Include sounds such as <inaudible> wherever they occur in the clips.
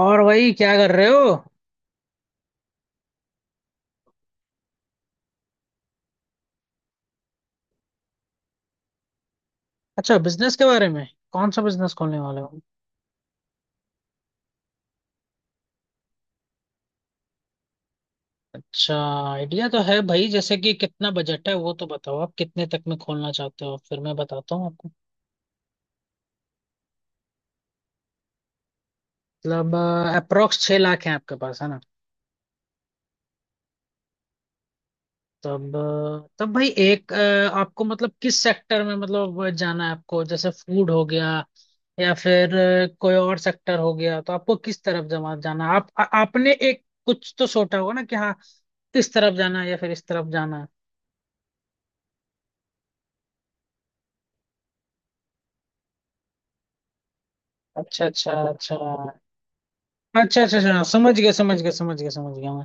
और वही क्या कर रहे हो। अच्छा बिजनेस के बारे में। कौन सा बिजनेस खोलने वाले हो। अच्छा, आइडिया तो है भाई, जैसे कि कितना बजट है वो तो बताओ, आप कितने तक में खोलना चाहते हो, फिर मैं बताता हूँ आपको। मतलब अप्रोक्स 6 लाख है आपके पास, है ना। तब भाई एक आपको मतलब किस सेक्टर में मतलब जाना है आपको, जैसे फूड हो गया या फिर कोई और सेक्टर हो गया, तो आपको किस तरफ जमा जाना है? आपने एक कुछ तो सोचा होगा ना कि हाँ, इस तरफ जाना है या फिर इस तरफ जाना है। अच्छा, अच्छा, अच्छा, अच्छा, अच्छा, अच्छा, समझ गया, समझ गया, समझ गया, समझ गया मैं।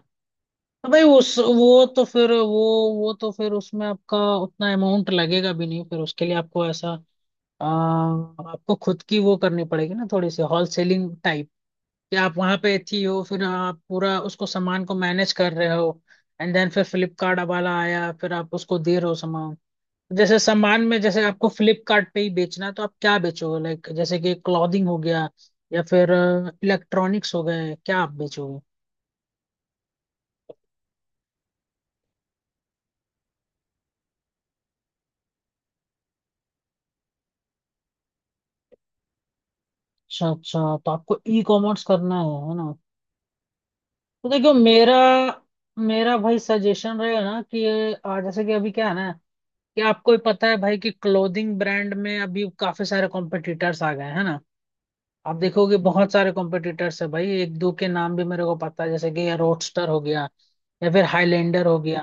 तो भाई उस वो तो फिर उसमें आपका उतना अमाउंट लगेगा भी नहीं, फिर उसके लिए आपको ऐसा आपको खुद की वो करनी पड़ेगी ना, थोड़ी सी होल सेलिंग टाइप, कि आप वहां पे थी हो, फिर आप पूरा उसको सामान को मैनेज कर रहे हो। एंड देन फिर फ्लिपकार्ट वाला आया, फिर आप उसको दे रहे हो सामान। जैसे सामान में जैसे आपको फ्लिपकार्ट पे ही बेचना है, तो आप क्या बेचोगे? लाइक जैसे कि क्लॉथिंग हो गया या फिर इलेक्ट्रॉनिक्स हो गए, क्या आप बेचोगे? अच्छा, अच्छा, तो आपको ई कॉमर्स करना है ना। तो देखियो, मेरा मेरा भाई सजेशन रहेगा ना कि जैसे कि अभी क्या है ना, कि आपको ही पता है भाई कि क्लोथिंग ब्रांड में अभी काफी सारे कॉम्पिटिटर्स आ गए हैं ना। आप देखोगे बहुत सारे कॉम्पिटिटर्स है भाई, एक दो के नाम भी मेरे को पता है, जैसे कि ये रोडस्टर हो गया या फिर हाईलैंडर हो गया।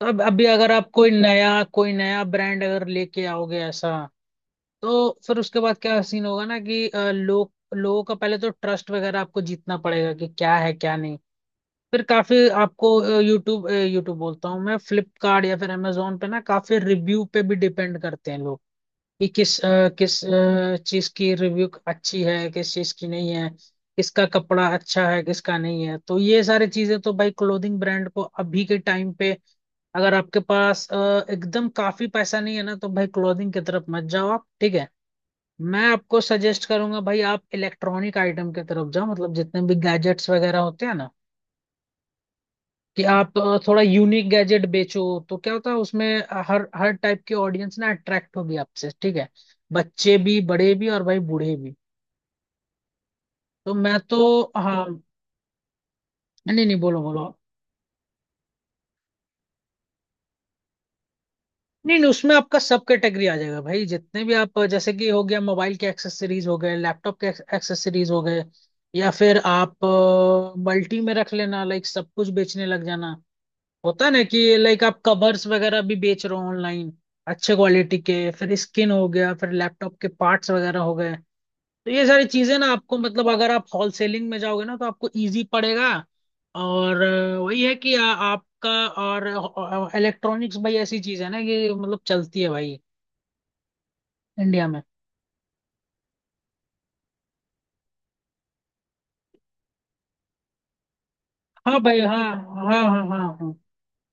तो अब अभी अगर आप कोई नया ब्रांड अगर लेके आओगे ऐसा, तो फिर उसके बाद क्या सीन होगा ना कि लोगों का पहले तो ट्रस्ट वगैरह आपको जीतना पड़ेगा, कि क्या है क्या नहीं। फिर काफी आपको यूट्यूब यूट्यूब बोलता हूँ मैं, फ्लिपकार्ट या फिर अमेजोन पे ना काफी रिव्यू पे भी डिपेंड करते हैं लोग, कि चीज की रिव्यू अच्छी है, किस चीज की नहीं है, किसका कपड़ा अच्छा है किसका नहीं है। तो ये सारी चीजें तो भाई क्लोथिंग ब्रांड को अभी के टाइम पे, अगर आपके पास एकदम काफी पैसा नहीं है ना, तो भाई क्लोथिंग की तरफ मत जाओ आप, ठीक है। मैं आपको सजेस्ट करूंगा भाई, आप इलेक्ट्रॉनिक आइटम की तरफ जाओ, मतलब जितने भी गैजेट्स वगैरह होते हैं ना, कि आप थोड़ा यूनिक गैजेट बेचो। तो क्या होता है उसमें हर हर टाइप की ऑडियंस ना अट्रैक्ट होगी आपसे, ठीक है। बच्चे भी, बड़े भी, और भाई बूढ़े भी। तो मैं तो हाँ। नहीं नहीं, बोलो बोलो। नहीं नहीं, उसमें आपका सब कैटेगरी आ जाएगा भाई, जितने भी आप जैसे कि हो गया मोबाइल के एक्सेसरीज हो गए, लैपटॉप के एक्सेसरीज हो गए, या फिर आप मल्टी में रख लेना, लाइक सब कुछ बेचने लग जाना। होता है ना कि लाइक आप कवर्स वगैरह भी बेच रहे हो ऑनलाइन, अच्छे क्वालिटी के, फिर स्किन हो गया, फिर लैपटॉप के पार्ट्स वगैरह हो गए। तो ये सारी चीजें ना आपको मतलब, अगर आप होलसेलिंग में जाओगे ना, तो आपको इजी पड़ेगा। और वही है कि आपका, और इलेक्ट्रॉनिक्स भाई ऐसी चीज है ना कि मतलब चलती है भाई इंडिया में। हाँ भाई हाँ, हाँ हाँ हाँ हाँ।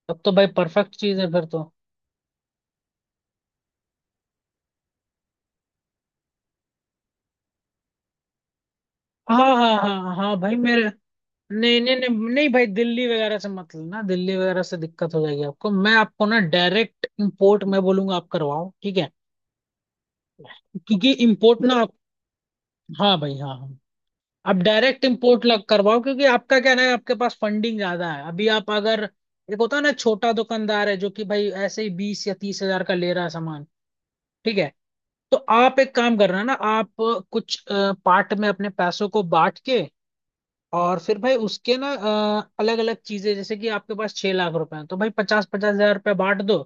तब तो भाई परफेक्ट चीज है फिर तो। हाँ हाँ हाँ हाँ भाई मेरे, नहीं नहीं नहीं नहीं भाई, दिल्ली वगैरह से मत लेना, दिल्ली वगैरह से दिक्कत हो जाएगी आपको। मैं आपको ना डायरेक्ट इंपोर्ट मैं बोलूंगा, आप करवाओ, ठीक है। क्योंकि इंपोर्ट ना आप। हाँ भाई हाँ हाँ। आप डायरेक्ट इंपोर्ट लग करवाओ, क्योंकि आपका क्या ना है, आपके पास फंडिंग ज्यादा है अभी। आप अगर, एक होता है ना छोटा दुकानदार है जो कि भाई ऐसे ही 20 या 30 हज़ार का ले रहा है सामान, ठीक है। तो आप एक काम करना ना, आप कुछ पार्ट में अपने पैसों को बांट के, और फिर भाई उसके ना अलग अलग चीजें, जैसे कि आपके पास 6 लाख रुपए हैं, तो भाई 50-50 हज़ार रुपये बांट दो।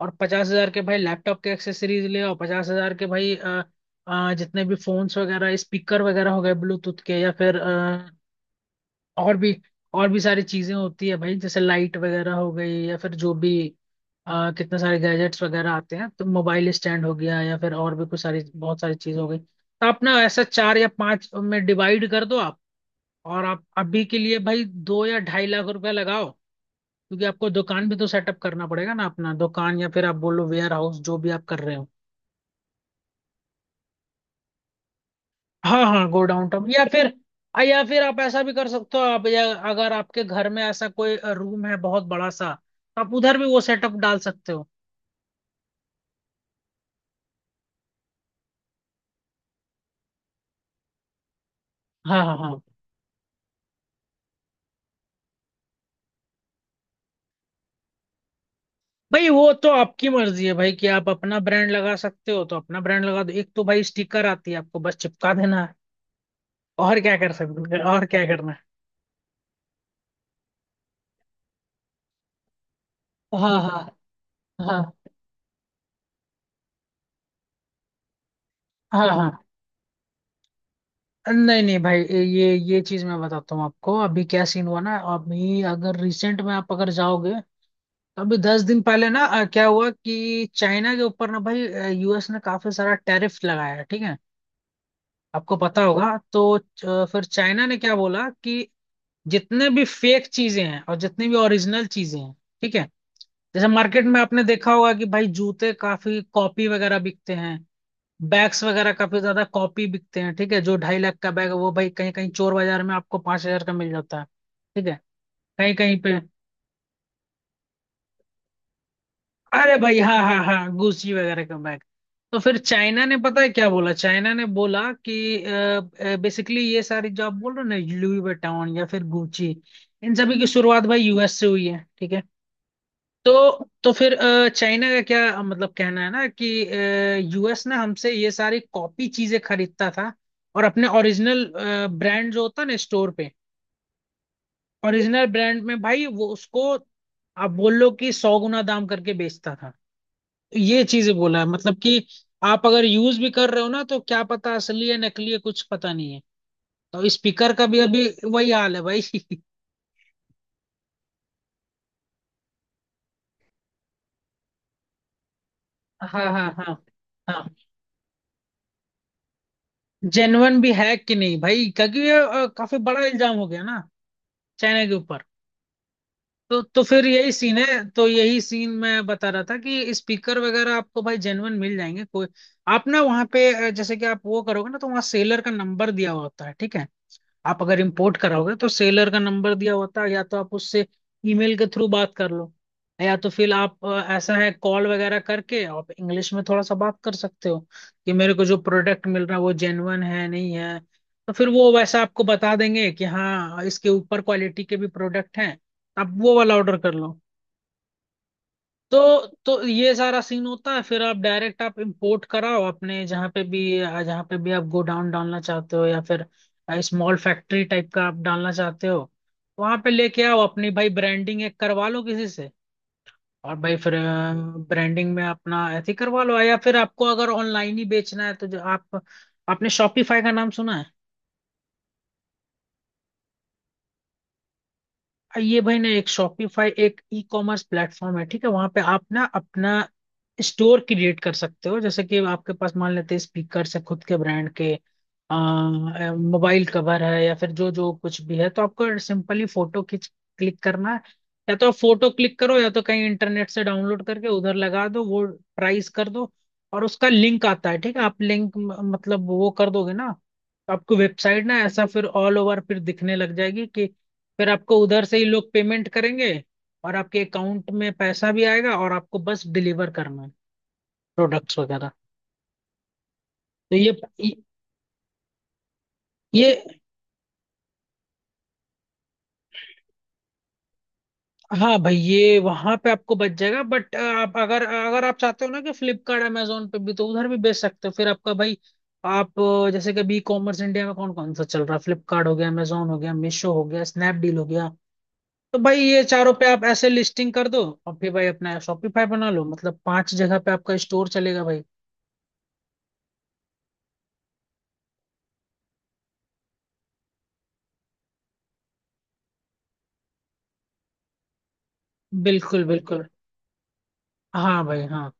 और 50 हज़ार के भाई लैपटॉप के एक्सेसरीज ले आओ, 50 हज़ार के भाई जितने भी फोन्स वगैरह स्पीकर वगैरह हो गए ब्लूटूथ के, या फिर और भी और भी सारी चीजें होती है भाई, जैसे लाइट वगैरह हो गई, या फिर जो भी कितने सारे गैजेट्स वगैरह आते हैं, तो मोबाइल स्टैंड हो गया या फिर और भी कुछ सारी बहुत सारी चीजें हो गई। तो अपना ऐसा चार या पांच में डिवाइड कर दो। और आप अभी के लिए भाई 2 या 2.5 लाख रुपया लगाओ, क्योंकि आपको दुकान भी तो सेटअप करना पड़ेगा ना अपना दुकान, या फिर आप बोलो वेयर हाउस, जो भी आप कर रहे हो। हाँ हाँ, गोडाउन टाउन या फिर, आप ऐसा भी कर सकते हो आप, या अगर आपके घर में ऐसा कोई रूम है बहुत बड़ा सा, तो आप उधर भी वो सेटअप डाल सकते हो। हाँ हाँ हाँ भाई, वो तो आपकी मर्जी है भाई कि आप अपना ब्रांड लगा सकते हो, तो अपना ब्रांड लगा दो, एक तो भाई स्टिकर आती है आपको, बस चिपका देना है। और क्या कर सकते हो, और क्या करना है। हाँ हाँ हाँ हाँ हाँ। नहीं नहीं भाई, ये चीज मैं बताता हूँ आपको, अभी क्या सीन हुआ ना, अभी अगर रिसेंट में आप अगर जाओगे, तो अभी 10 दिन पहले ना क्या हुआ कि चाइना के ऊपर ना भाई यूएस ने काफी सारा टैरिफ लगाया है, ठीक है। आपको पता होगा, तो फिर चाइना ने क्या बोला कि जितने भी फेक चीजें हैं और जितनी भी ओरिजिनल चीजें हैं, ठीक है। जैसे मार्केट में आपने देखा होगा कि भाई जूते काफी कॉपी वगैरह बिकते हैं, बैग्स वगैरह काफी ज्यादा कॉपी बिकते हैं, ठीक है। जो 2.5 लाख का बैग है वो भाई कहीं कहीं चोर बाजार में आपको 5 हज़ार का मिल जाता है, ठीक है, कहीं कहीं पे। अरे भाई, हाँ हाँ हाँ गुची वगैरह का बैग। तो फिर चाइना ने पता है क्या बोला, चाइना ने बोला कि बेसिकली ये सारी जो आप बोल रहे हो ना, लुई विटॉन या फिर गुची, इन सभी की शुरुआत भाई यूएस से हुई है, ठीक है। तो फिर चाइना का क्या मतलब कहना है ना कि, यूएस ने हमसे ये सारी कॉपी चीजें खरीदता था, और अपने ओरिजिनल ब्रांड जो होता है ना स्टोर पे, ओरिजिनल ब्रांड में भाई वो उसको आप बोल लो कि 100 गुना दाम करके बेचता था। ये चीजें बोला है, मतलब कि आप अगर यूज भी कर रहे हो ना, तो क्या पता असली है नकली है, कुछ पता नहीं है। तो स्पीकर का भी अभी वही हाल है भाई। <laughs> हाँ हाँ हाँ हाँ, जेन्युइन भी है कि नहीं भाई, क्योंकि ये काफी बड़ा इल्जाम हो गया ना चाइना के ऊपर। तो फिर यही सीन है, तो यही सीन मैं बता रहा था कि स्पीकर वगैरह आपको भाई जेन्युइन मिल जाएंगे कोई। आप ना वहाँ पे जैसे कि आप वो करोगे ना, तो वहाँ सेलर का नंबर दिया हुआ होता है, ठीक है। आप अगर इंपोर्ट कराओगे तो सेलर का नंबर दिया होता है, या तो आप उससे ईमेल के थ्रू बात कर लो, या तो फिर आप ऐसा है, कॉल वगैरह करके आप इंग्लिश में थोड़ा सा बात कर सकते हो, कि मेरे को जो प्रोडक्ट मिल रहा है वो जेन्युइन है नहीं है। तो फिर वो वैसा आपको बता देंगे कि हाँ, इसके ऊपर क्वालिटी के भी प्रोडक्ट हैं, आप वो वाला ऑर्डर कर लो। तो ये सारा सीन होता है, फिर आप डायरेक्ट आप इंपोर्ट कराओ अपने जहाँ पे भी, जहाँ पे भी आप गोडाउन डालना चाहते हो, या फिर स्मॉल फैक्ट्री टाइप का आप डालना चाहते हो, वहां पे लेके आओ, अपनी भाई ब्रांडिंग एक करवा लो किसी से, और भाई फिर ब्रांडिंग में अपना ऐसे ही करवा लो, या फिर आपको अगर ऑनलाइन ही बेचना है तो जो आप, आपने शॉपिफाई का नाम सुना है? ये भाई ना एक शॉपिफाई एक ई कॉमर्स प्लेटफॉर्म है, ठीक है। वहां पे आप ना अपना स्टोर क्रिएट कर सकते हो, जैसे कि आपके पास मान लेते हैं स्पीकर से खुद के ब्रांड के मोबाइल कवर है, या फिर जो जो कुछ भी है, तो आपको सिंपली फोटो खींच क्लिक करना है, या तो आप फोटो क्लिक करो, या तो कहीं इंटरनेट से डाउनलोड करके उधर लगा दो वो, प्राइस कर दो। और उसका लिंक आता है, ठीक है, आप लिंक मतलब वो कर दोगे ना, तो आपको वेबसाइट ना ऐसा फिर ऑल ओवर फिर दिखने लग जाएगी कि, फिर आपको उधर से ही लोग पेमेंट करेंगे, और आपके अकाउंट में पैसा भी आएगा, और आपको बस डिलीवर करना है प्रोडक्ट्स वगैरह। तो ये हाँ भाई, ये वहां पे आपको बच जाएगा, बट आप अगर, आप चाहते हो ना कि फ्लिपकार्ट अमेजोन पे भी, तो उधर भी बेच सकते हो, फिर आपका भाई, आप जैसे कि अभी कॉमर्स इंडिया में कौन कौन सा चल रहा है, फ्लिपकार्ट हो गया, अमेजोन हो गया, मीशो हो गया, स्नैपडील हो गया। तो भाई ये चारों पे आप ऐसे लिस्टिंग कर दो, और फिर भाई अपना शॉपिफाई बना लो, मतलब पांच जगह पे आपका स्टोर चलेगा भाई। बिल्कुल बिल्कुल, हाँ भाई हाँ।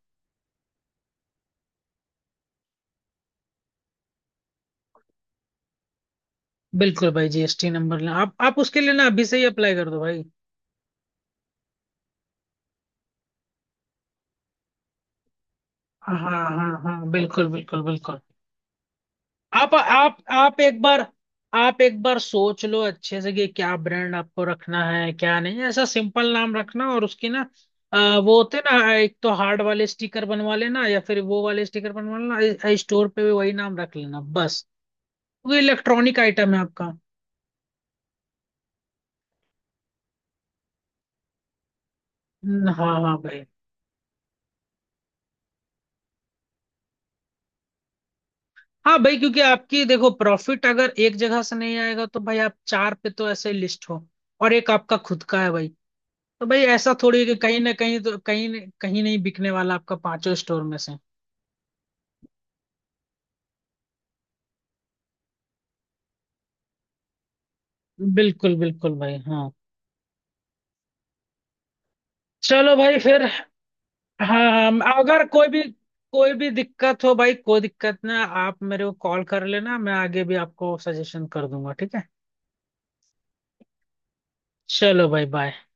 बिल्कुल भाई जीएसटी नंबर लेना, आप उसके लिए ना अभी से ही अप्लाई कर दो भाई। हाँ हाँ हाँ हाँ, बिल्कुल बिल्कुल बिल्कुल। आप आप आप एक बार आप एक बार सोच लो अच्छे से, कि क्या ब्रांड आपको रखना है क्या नहीं, ऐसा सिंपल नाम रखना, और उसकी ना अ, वो होते हैं ना, एक तो हार्ड वाले स्टिकर बनवा लेना, या फिर वो वाले स्टिकर बनवा लेना, स्टोर पे भी वही नाम रख लेना बस, वो इलेक्ट्रॉनिक आइटम है आपका। हाँ हाँ भाई। हाँ भाई, क्योंकि आपकी देखो प्रॉफिट अगर एक जगह से नहीं आएगा, तो भाई आप चार पे तो ऐसे लिस्ट हो, और एक आपका खुद का है भाई। तो भाई ऐसा थोड़ी कि कहीं ना कहीं तो, कहीं नहीं बिकने वाला आपका पांचों स्टोर में से। बिल्कुल बिल्कुल भाई हाँ, चलो भाई फिर। हाँ, अगर कोई भी दिक्कत हो भाई, कोई दिक्कत ना, आप मेरे को कॉल कर लेना, मैं आगे भी आपको सजेशन कर दूंगा, ठीक है। चलो भाई बाय।